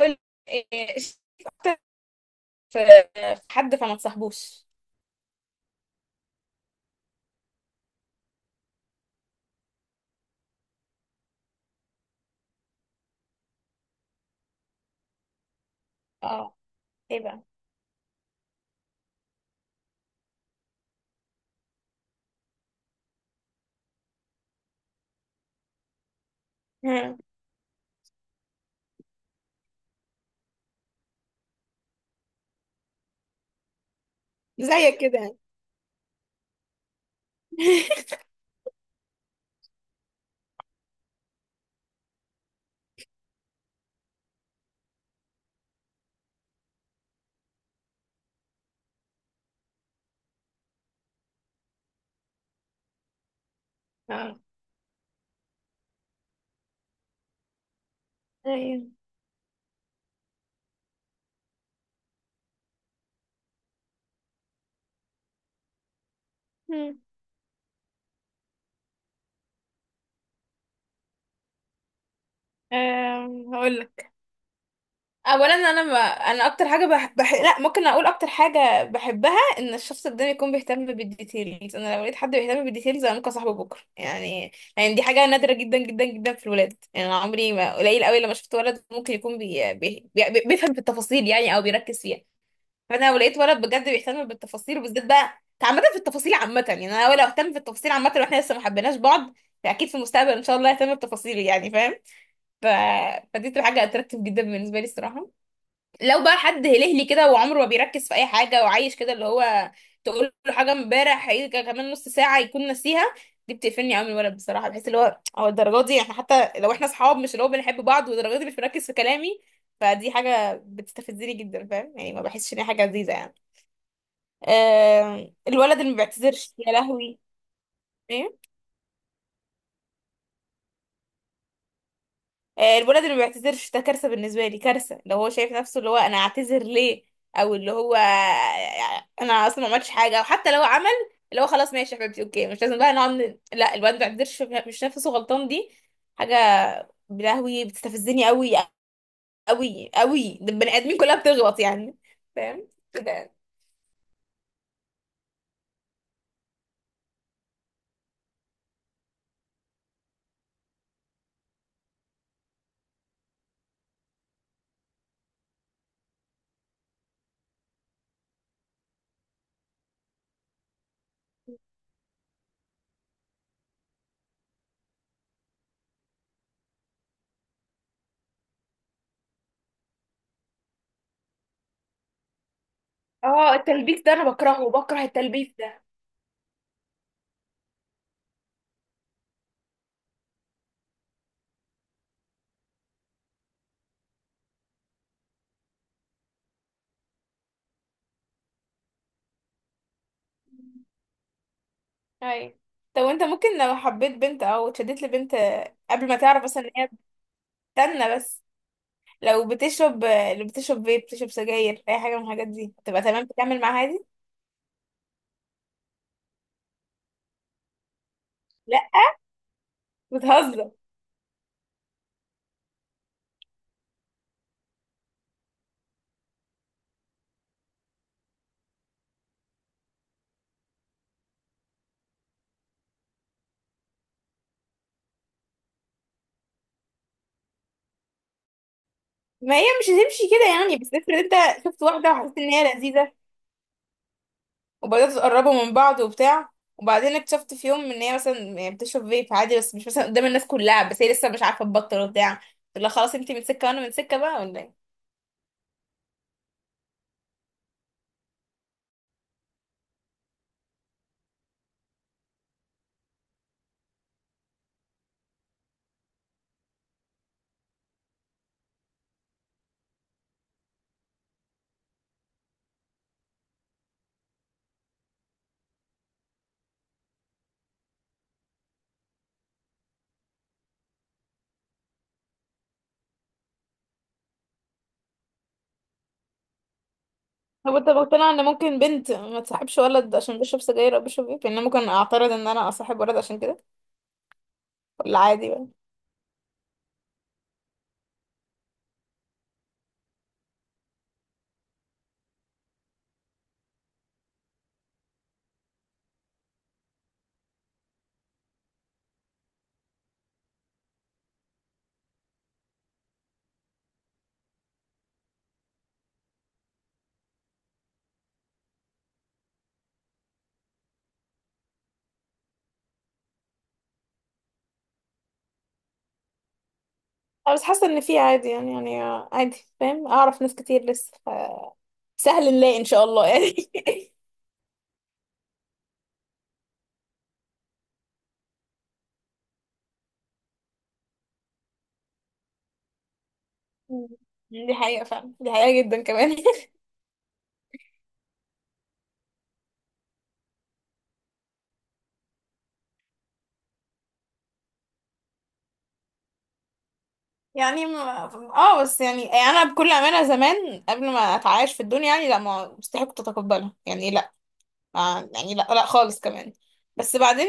كل إيه، شايف أكتر في في حد فما تصاحبوش. اه. ايه بقى؟ مم. زيك كده يعني. اه، ايوه. مم. هقول لك. اولا انا ما انا اكتر حاجه لا، ممكن اقول اكتر حاجه بحبها ان الشخص قدامي يكون بيهتم بالديتيلز. انا لو لقيت حد بيهتم بالديتيلز انا ممكن اصاحبه بكره يعني. يعني دي حاجه نادره جدا جدا جدا في الولاد يعني، انا عمري ما قليل قوي لما شفت ولد ممكن يكون بيفهم في التفاصيل يعني، او بيركز فيها. فانا لو لقيت ولد بجد بيهتم بالتفاصيل، وبالذات بقى عامه في التفاصيل عامه يعني، انا لو اهتم في التفاصيل عامه واحنا لسه ما حبيناش بعض، فاكيد في المستقبل ان شاء الله اهتم بتفاصيلي يعني، فاهم؟ ف... فدي تبقى حاجه اتراكتيف جدا بالنسبه لي الصراحه. لو بقى حد هلهلي كده وعمره ما بيركز في اي حاجه وعايش كده اللي هو تقول له حاجه امبارح هيجي كمان نص ساعه يكون ناسيها، دي بتقفلني قوي من الولد بصراحه. بحس اللي هو الدرجات دي، احنا حتى لو احنا اصحاب، مش اللي هو بنحب بعض، والدرجات دي مش مركز في كلامي، فدي حاجه بتستفزني جدا فاهم؟ يعني ما بحسش ان هي حاجه لذيذه يعني. الولد اللي ما بيعتذرش يا لهوي. ايه. الولد اللي ما بيعتذرش ده كارثه بالنسبه لي، كارثه. لو هو شايف نفسه اللي هو انا اعتذر ليه، او اللي هو انا اصلا ما عملتش حاجه، او حتى لو عمل اللي هو خلاص ماشي يا حبيبتي اوكي مش لازم بقى لا، الولد ما بيعتذرش مش شايف نفسه غلطان، دي حاجه يا لهوي بتستفزني قوي قوي قوي. ده البني ادمين كلها بتغلط يعني، فاهم كده؟ اه، التلبيس ده انا بكرهه، بكره التلبيس ده. اي، طب وانت ممكن لو حبيت بنت او اتشدت لبنت قبل ما تعرف مثلا ان هي بتستنى بس، لو بتشرب لو بتشرب فيب، بتشرب سجاير، اي حاجه من الحاجات دي تبقى تمام تكمل معاها عادي؟ لا، بتهزر. ما هي مش هتمشي كده يعني، بس افرض انت شفت واحده وحسيت ان هي لذيذه، وبدات تقربوا من بعض وبتاع، وبعدين اكتشفت في يوم ان هي مثلا يعني بتشرب فيب عادي بس مش مثلا قدام الناس كلها، بس هي لسه مش عارفه تبطل وبتاع، تقول لها خلاص انت من سكه وانا من سكه بقى ولا إيه؟ هو انت مقتنع ان ممكن بنت ما تصاحبش ولد عشان بيشرب سجاير او بيشرب فيب؟ يعني انا ممكن اعترض ان انا اصاحب ولد عشان كده ولا عادي بقى؟ أنا بس حاسه ان في عادي يعني يعني عادي فاهم، اعرف ناس كتير لسه سهل نلاقي ان شاء الله يعني. دي حقيقه فعلا، دي حقيقه جدا كمان. يعني ما... اه بس يعني انا بكل امانه زمان قبل ما اتعايش في الدنيا يعني لا، ما مستحيل كنت اتقبلها يعني لا. آه يعني لا لا خالص كمان. بس بعدين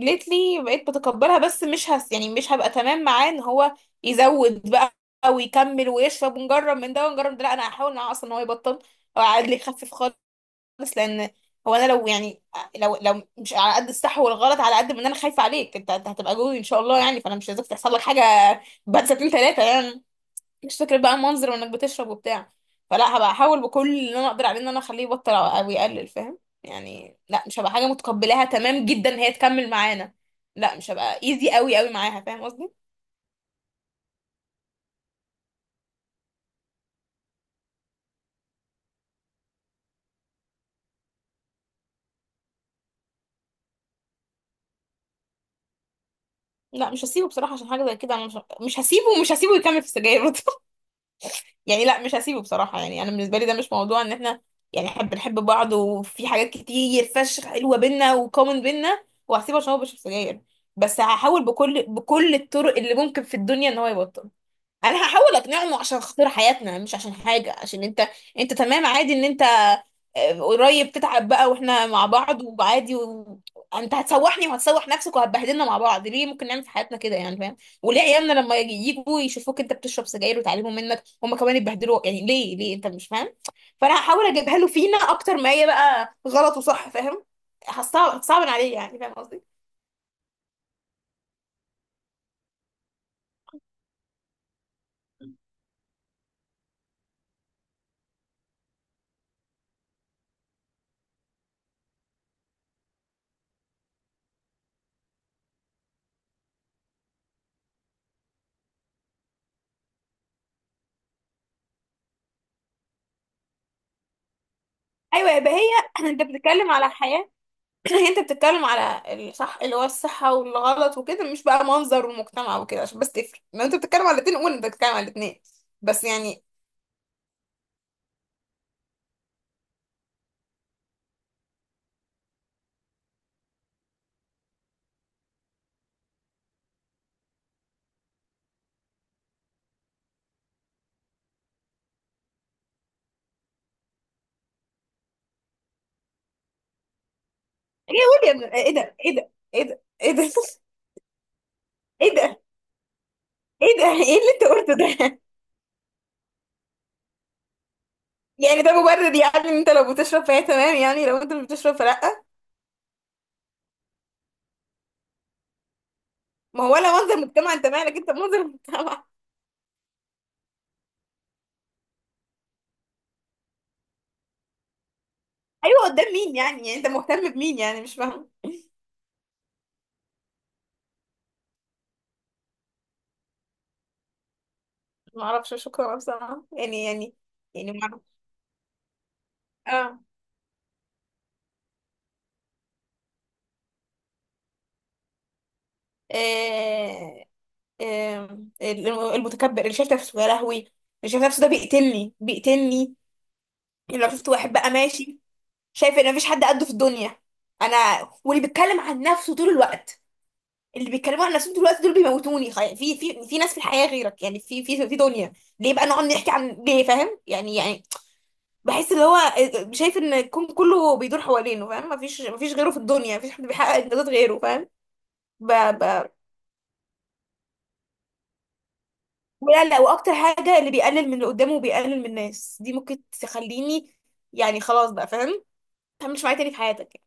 ليتلي بقيت بتقبلها، بس مش هس يعني مش هبقى تمام معاه ان هو يزود بقى ويكمل ويشرب ونجرب من ده ونجرب من ده. لا، انا هحاول معاه اصلا ان هو يبطل او عادي يخفف خالص. لان هو انا لو يعني لو مش على قد الصح والغلط، على قد ما انا خايفه عليك انت. أنت هتبقى جوي ان شاء الله يعني، فانا مش عايزاك تحصل لك حاجه بعد سنتين ثلاثه يعني. مش فكرة بقى المنظر وانك بتشرب وبتاع، فلا، هبقى احاول بكل اللي انا اقدر عليه ان انا اخليه يبطل او يقلل فاهم؟ يعني لا مش هبقى حاجة متقبلاها تمام جدا إن هي تكمل معانا، لا مش هبقى ايزي قوي قوي معاها، فاهم قصدي؟ لا مش هسيبه بصراحة، عشان حاجة زي كده انا مش هسيبه، ومش هسيبه يكمل في السجاير برضه. يعني لا مش هسيبه بصراحة، يعني انا بالنسبة لي ده مش موضوع. ان احنا يعني احنا بنحب بعض وفي حاجات كتير فشخ حلوة بينا وكومن بينا وهسيبه عشان هو بيشرب سجاير؟ بس هحاول بكل الطرق اللي ممكن في الدنيا ان هو يبطل. انا هحاول اقنعهم عشان خاطر حياتنا، مش عشان حاجه، عشان انت. انت تمام عادي ان انت قريب تتعب بقى واحنا مع بعض وعادي انت هتسوحني وهتسوح نفسك وهتبهدلنا مع بعض ليه؟ ممكن نعمل في حياتنا كده يعني، فاهم؟ وليه عيالنا لما يجوا يشوفوك انت بتشرب سجاير وتعلموا منك هم كمان يتبهدلوا يعني، ليه ليه انت مش فاهم؟ فانا هحاول اجيبها له فينا اكتر، ما هي بقى غلط وصح فاهم؟ هتصعب عليه يعني، فاهم قصدي؟ ايوه، يبقى هي انت بتتكلم على حياه. انت بتتكلم على الصح اللي هو الصحة والغلط وكده، مش بقى منظر المجتمع وكده، عشان بس تفرق، لو انت بتتكلم على الاتنين قول انت بتتكلم على الاتنين بس يعني. ايه، قول يا ابني، ايه ده، ايه ده، ايه ده، ايه ده. ايه ده، ايه ده، ايه اللي انت قلته ده؟ يعني ده مبرر يعني، ان انت لو بتشرب فهي تمام، يعني لو انت مش بتشرب فلا؟ ما هو ولا منظر مجتمع، انت مالك انت منظر المجتمع. ايوه قدام مين يعني؟ يعني انت مهتم بمين يعني؟ مش فاهم. ما اعرفش شكرا بصراحة يعني يعني، يعني ما اعرف. اه. آه. آم، المتكبر اللي شايف نفسه يا لهوي، اللي شايف نفسه ده بيقتلني بيقتلني. يعني لو شفت واحد بقى ماشي شايف ان مفيش حد قده في الدنيا، انا، واللي بيتكلم عن نفسه طول الوقت، اللي بيتكلموا عن نفسهم طول الوقت دول بيموتوني. في في ناس في الحياة غيرك يعني، في في دنيا، ليه بقى نقعد نحكي عن ليه؟ فاهم يعني، يعني بحس اللي هو شايف ان الكون كله بيدور حوالينه فاهم، مفيش غيره في الدنيا، مفيش حد بيحقق انجازات غيره فاهم؟ ولا لا، واكتر حاجه اللي بيقلل من اللي قدامه وبيقلل من الناس دي ممكن تخليني يعني خلاص بقى فاهم، ما تعملش معايا تاني في حياتك يعني.